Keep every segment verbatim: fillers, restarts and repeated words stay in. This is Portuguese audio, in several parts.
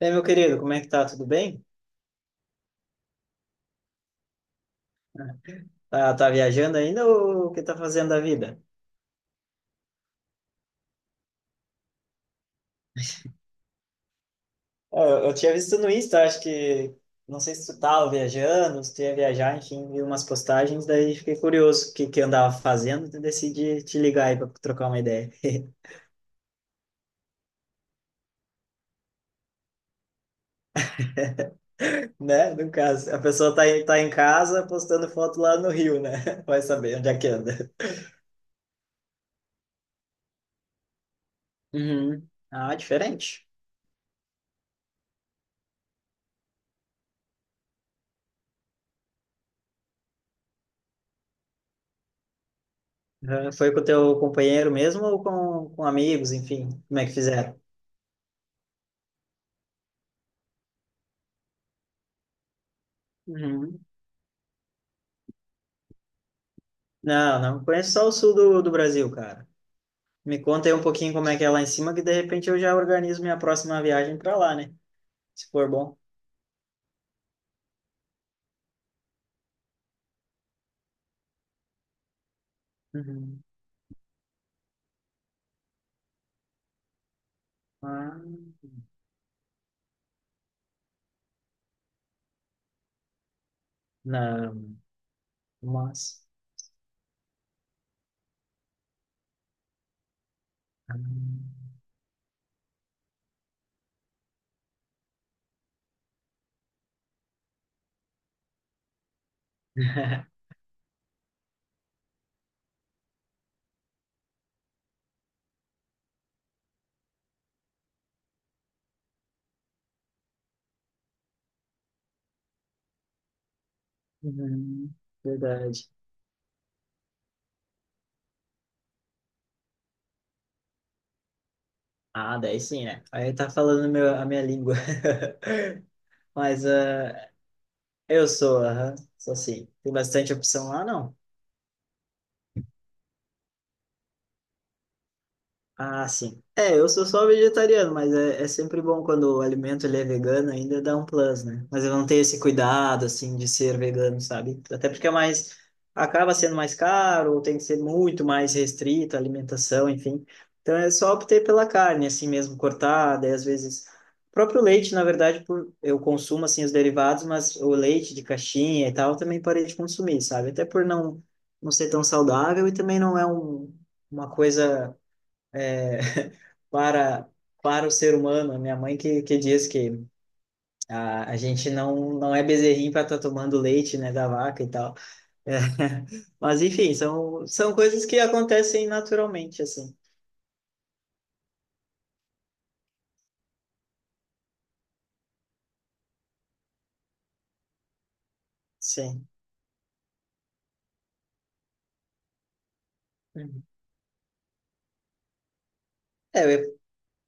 E aí, meu querido, como é que tá? Tudo bem? Tá, tá viajando ainda ou o que tá fazendo da vida? É, Eu, eu tinha visto no Insta, acho que... Não sei se tu tava viajando, se tu ia viajar, enfim, vi umas postagens, daí fiquei curioso o que que eu andava fazendo e decidi te ligar aí pra trocar uma ideia. Né? No caso, a pessoa tá, em- tá em casa postando foto lá no Rio, né? Vai saber onde é que anda. Uhum. Ah, diferente. Uhum. Foi com o teu companheiro mesmo ou com, com amigos, enfim? Como é que fizeram? Uhum. Não, não conheço só o sul do, do Brasil, cara. Me conta aí um pouquinho como é que é lá em cima, que de repente eu já organizo minha próxima viagem para lá, né? Se for bom. Uhum. Ah, não, mas. Ah, uhum. Verdade. Ah, daí sim, né? Aí tá falando meu, a minha língua. Mas ah, eu sou, aham, sou sim. Tem bastante opção lá, não? Ah, sim. É, eu sou só vegetariano, mas é, é sempre bom quando o alimento ele é vegano, ainda dá um plus, né? Mas eu não tenho esse cuidado, assim, de ser vegano, sabe? Até porque é mais... Acaba sendo mais caro, ou tem que ser muito mais restrito a alimentação, enfim. Então, é só optei pela carne, assim mesmo, cortada, e às vezes... O próprio leite, na verdade, por... eu consumo, assim, os derivados, mas o leite de caixinha e tal, eu também parei de consumir, sabe? Até por não, não ser tão saudável e também não é um... Uma coisa para para o ser humano. A minha mãe que, que diz que a, a gente não, não é bezerrinho para estar tá tomando leite, né, da vaca e tal. É. Mas, enfim, são, são coisas que acontecem naturalmente, assim. Sim. Uhum. É, eu-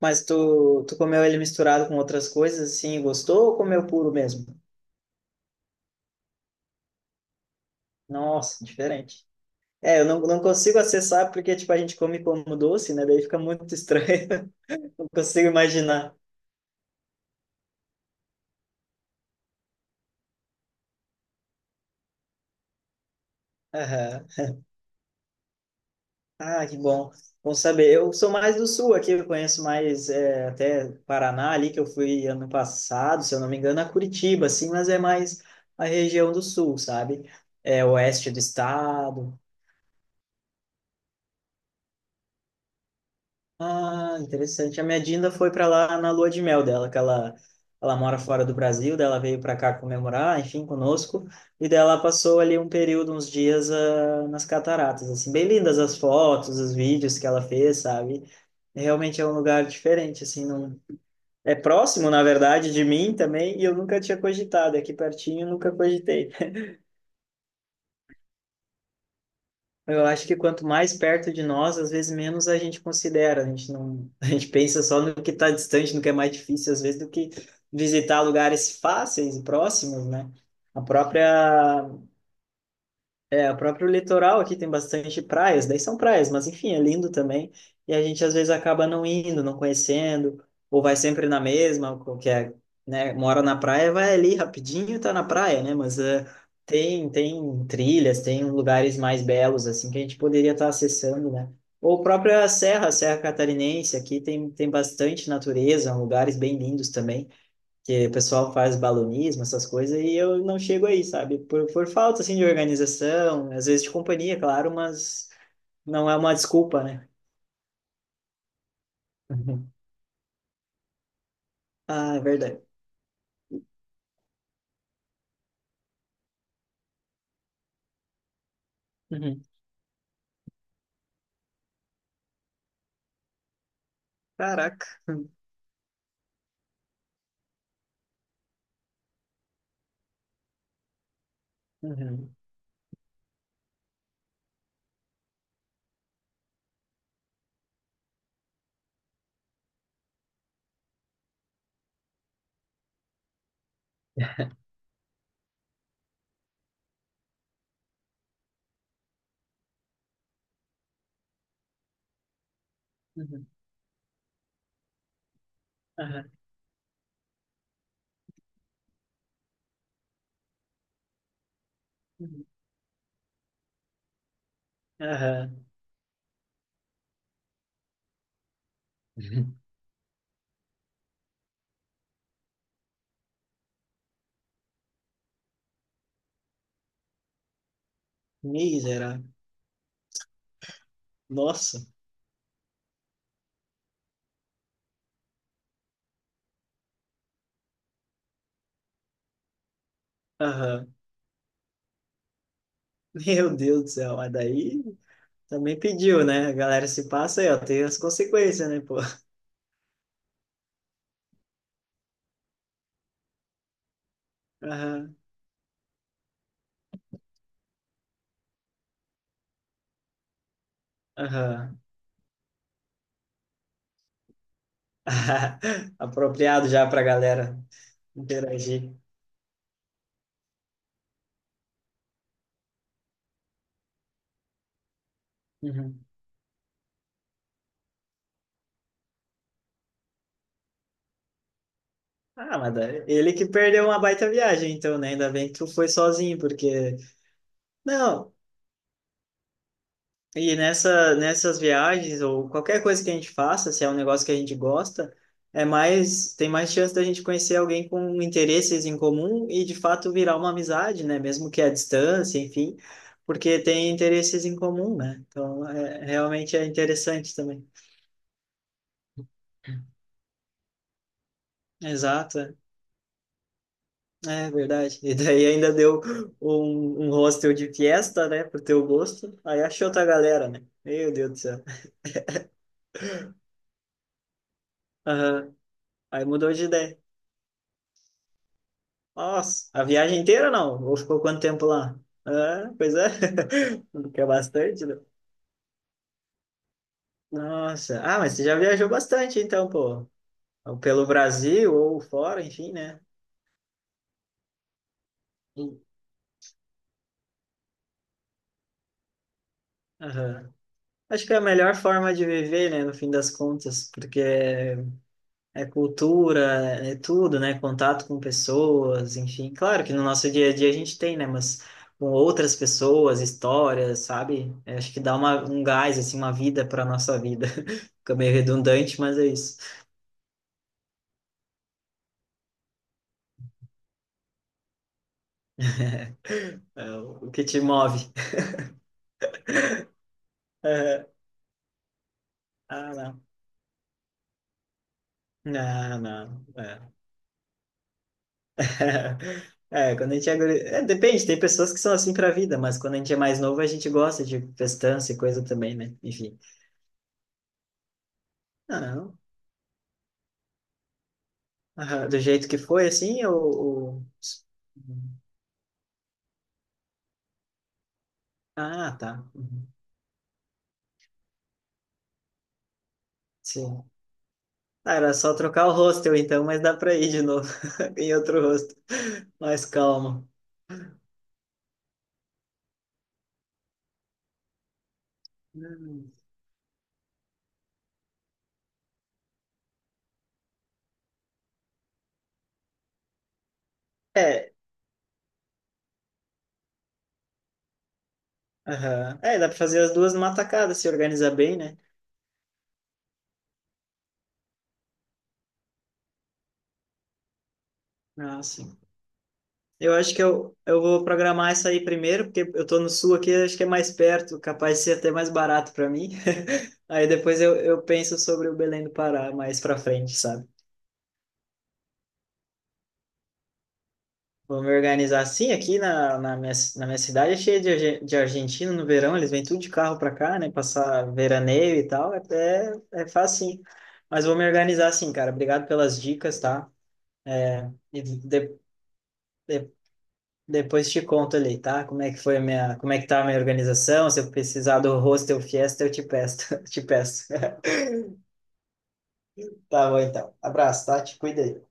mas tu, tu comeu ele misturado com outras coisas, assim, e gostou ou comeu puro mesmo? Nossa, diferente. É, eu não, não consigo acessar porque, tipo, a gente come como doce, né? Daí fica muito estranho. Não consigo imaginar. Aham. Ah, que bom. Bom saber. Eu sou mais do sul aqui, eu conheço mais é, até Paraná ali, que eu fui ano passado, se eu não me engano, a Curitiba, assim, mas é mais a região do sul, sabe? É oeste do estado. Ah, interessante. A minha Dinda foi para lá na lua de mel dela, que ela, ela mora fora do Brasil, daí ela veio para cá comemorar, enfim, conosco, e daí ela passou ali um período, uns dias ah, nas cataratas, assim, bem lindas as fotos, os vídeos que ela fez, sabe? É, realmente é um lugar diferente, assim, não... É próximo, na verdade, de mim também, e eu nunca tinha cogitado, é aqui pertinho eu nunca cogitei. Eu acho que quanto mais perto de nós, às vezes menos a gente considera. A gente não, a gente pensa só no que está distante, no que é mais difícil, às vezes, do que visitar lugares fáceis e próximos, né? A própria é, o próprio litoral aqui tem bastante praias, daí são praias, mas enfim, é lindo também. E a gente às vezes acaba não indo, não conhecendo, ou vai sempre na mesma, que é, né, mora na praia, vai ali rapidinho, tá na praia, né? Mas eh, tem tem trilhas, tem lugares mais belos assim que a gente poderia estar acessando, né? Ou própria Serra, Serra Catarinense, aqui tem tem bastante natureza, lugares bem lindos também que o pessoal faz balonismo, essas coisas, e eu não chego aí, sabe? Por, por falta, assim, de organização, às vezes de companhia, claro, mas não é uma desculpa, né? Uhum. Ah, é verdade. Uhum. Caraca. Uhum. Uhum. Aham. Uhum. Aham. Uhum. Miserável. Nossa. Aham. Meu Deus do céu, mas daí também pediu, né? A galera se passa aí, ó, tem as consequências, né, pô? Aham. Aham. Apropriado já pra galera interagir. Uhum. Ah, mas da- ele que perdeu uma baita viagem, então, né? Ainda bem que tu foi sozinho, porque. Não, e nessa, nessas viagens, ou qualquer coisa que a gente faça, se é um negócio que a gente gosta, é mais, tem mais chance da gente conhecer alguém com interesses em comum e, de fato, virar uma amizade, né? Mesmo que à distância, enfim, porque tem interesses em comum, né? Então, é, realmente é interessante também. Exato. É. É verdade. E daí ainda deu um, um hostel de fiesta, né, pro teu gosto. Aí achou outra galera, né? Meu Deus do céu. Aham. Aí mudou de ideia. Nossa, a viagem inteira não? Ou ficou quanto tempo lá? Ah, pois é. Que é bastante, né? Nossa. Ah, mas você já viajou bastante, então, pô. Pelo Brasil ou fora, enfim, né? Aham. Acho que é a melhor forma de viver, né, no fim das contas, porque é cultura, é tudo, né? Contato com pessoas, enfim. Claro que no nosso dia a dia a gente tem, né? Mas com outras pessoas, histórias, sabe? Eu acho que dá uma, um gás, assim, uma vida para nossa vida. Fica meio redundante, mas é isso. É o que te move. É, ah, não. Não, não. É. É, quando a gente é, guri- é, depende, tem pessoas que são assim pra vida, mas quando a gente é mais novo, a gente gosta de festança e coisa também, né? Enfim. Ah, não. Aham, do jeito que foi, assim, ou... ou- Ah, tá. Uhum. Sim. Ah, era só trocar o hostel, então, mas dá para ir de novo em outro hostel. Mais calmo. Hum. É, aham. É, dá para fazer as duas numa tacada, se organizar bem, né? Ah, sim. Eu acho que eu, eu vou programar isso aí primeiro, porque eu tô no sul aqui, acho que é mais perto, capaz de ser até mais barato para mim. Aí depois eu, eu penso sobre o Belém do Pará mais para frente, sabe? Vou me organizar assim. Aqui na, na minha, na minha cidade é cheia de, arge- de argentino no verão, eles vêm tudo de carro para cá, né? Passar veraneio e tal, é, é fácil sim. Mas vou me organizar assim, cara. Obrigado pelas dicas, tá? É, e de- de- depois te conto ali, tá? Como é que foi a minha, como é que tá a minha organização. Se eu precisar do hostel fiesta, eu te peço, te peço. Tá bom, então. Abraço, tá? Te cuida aí.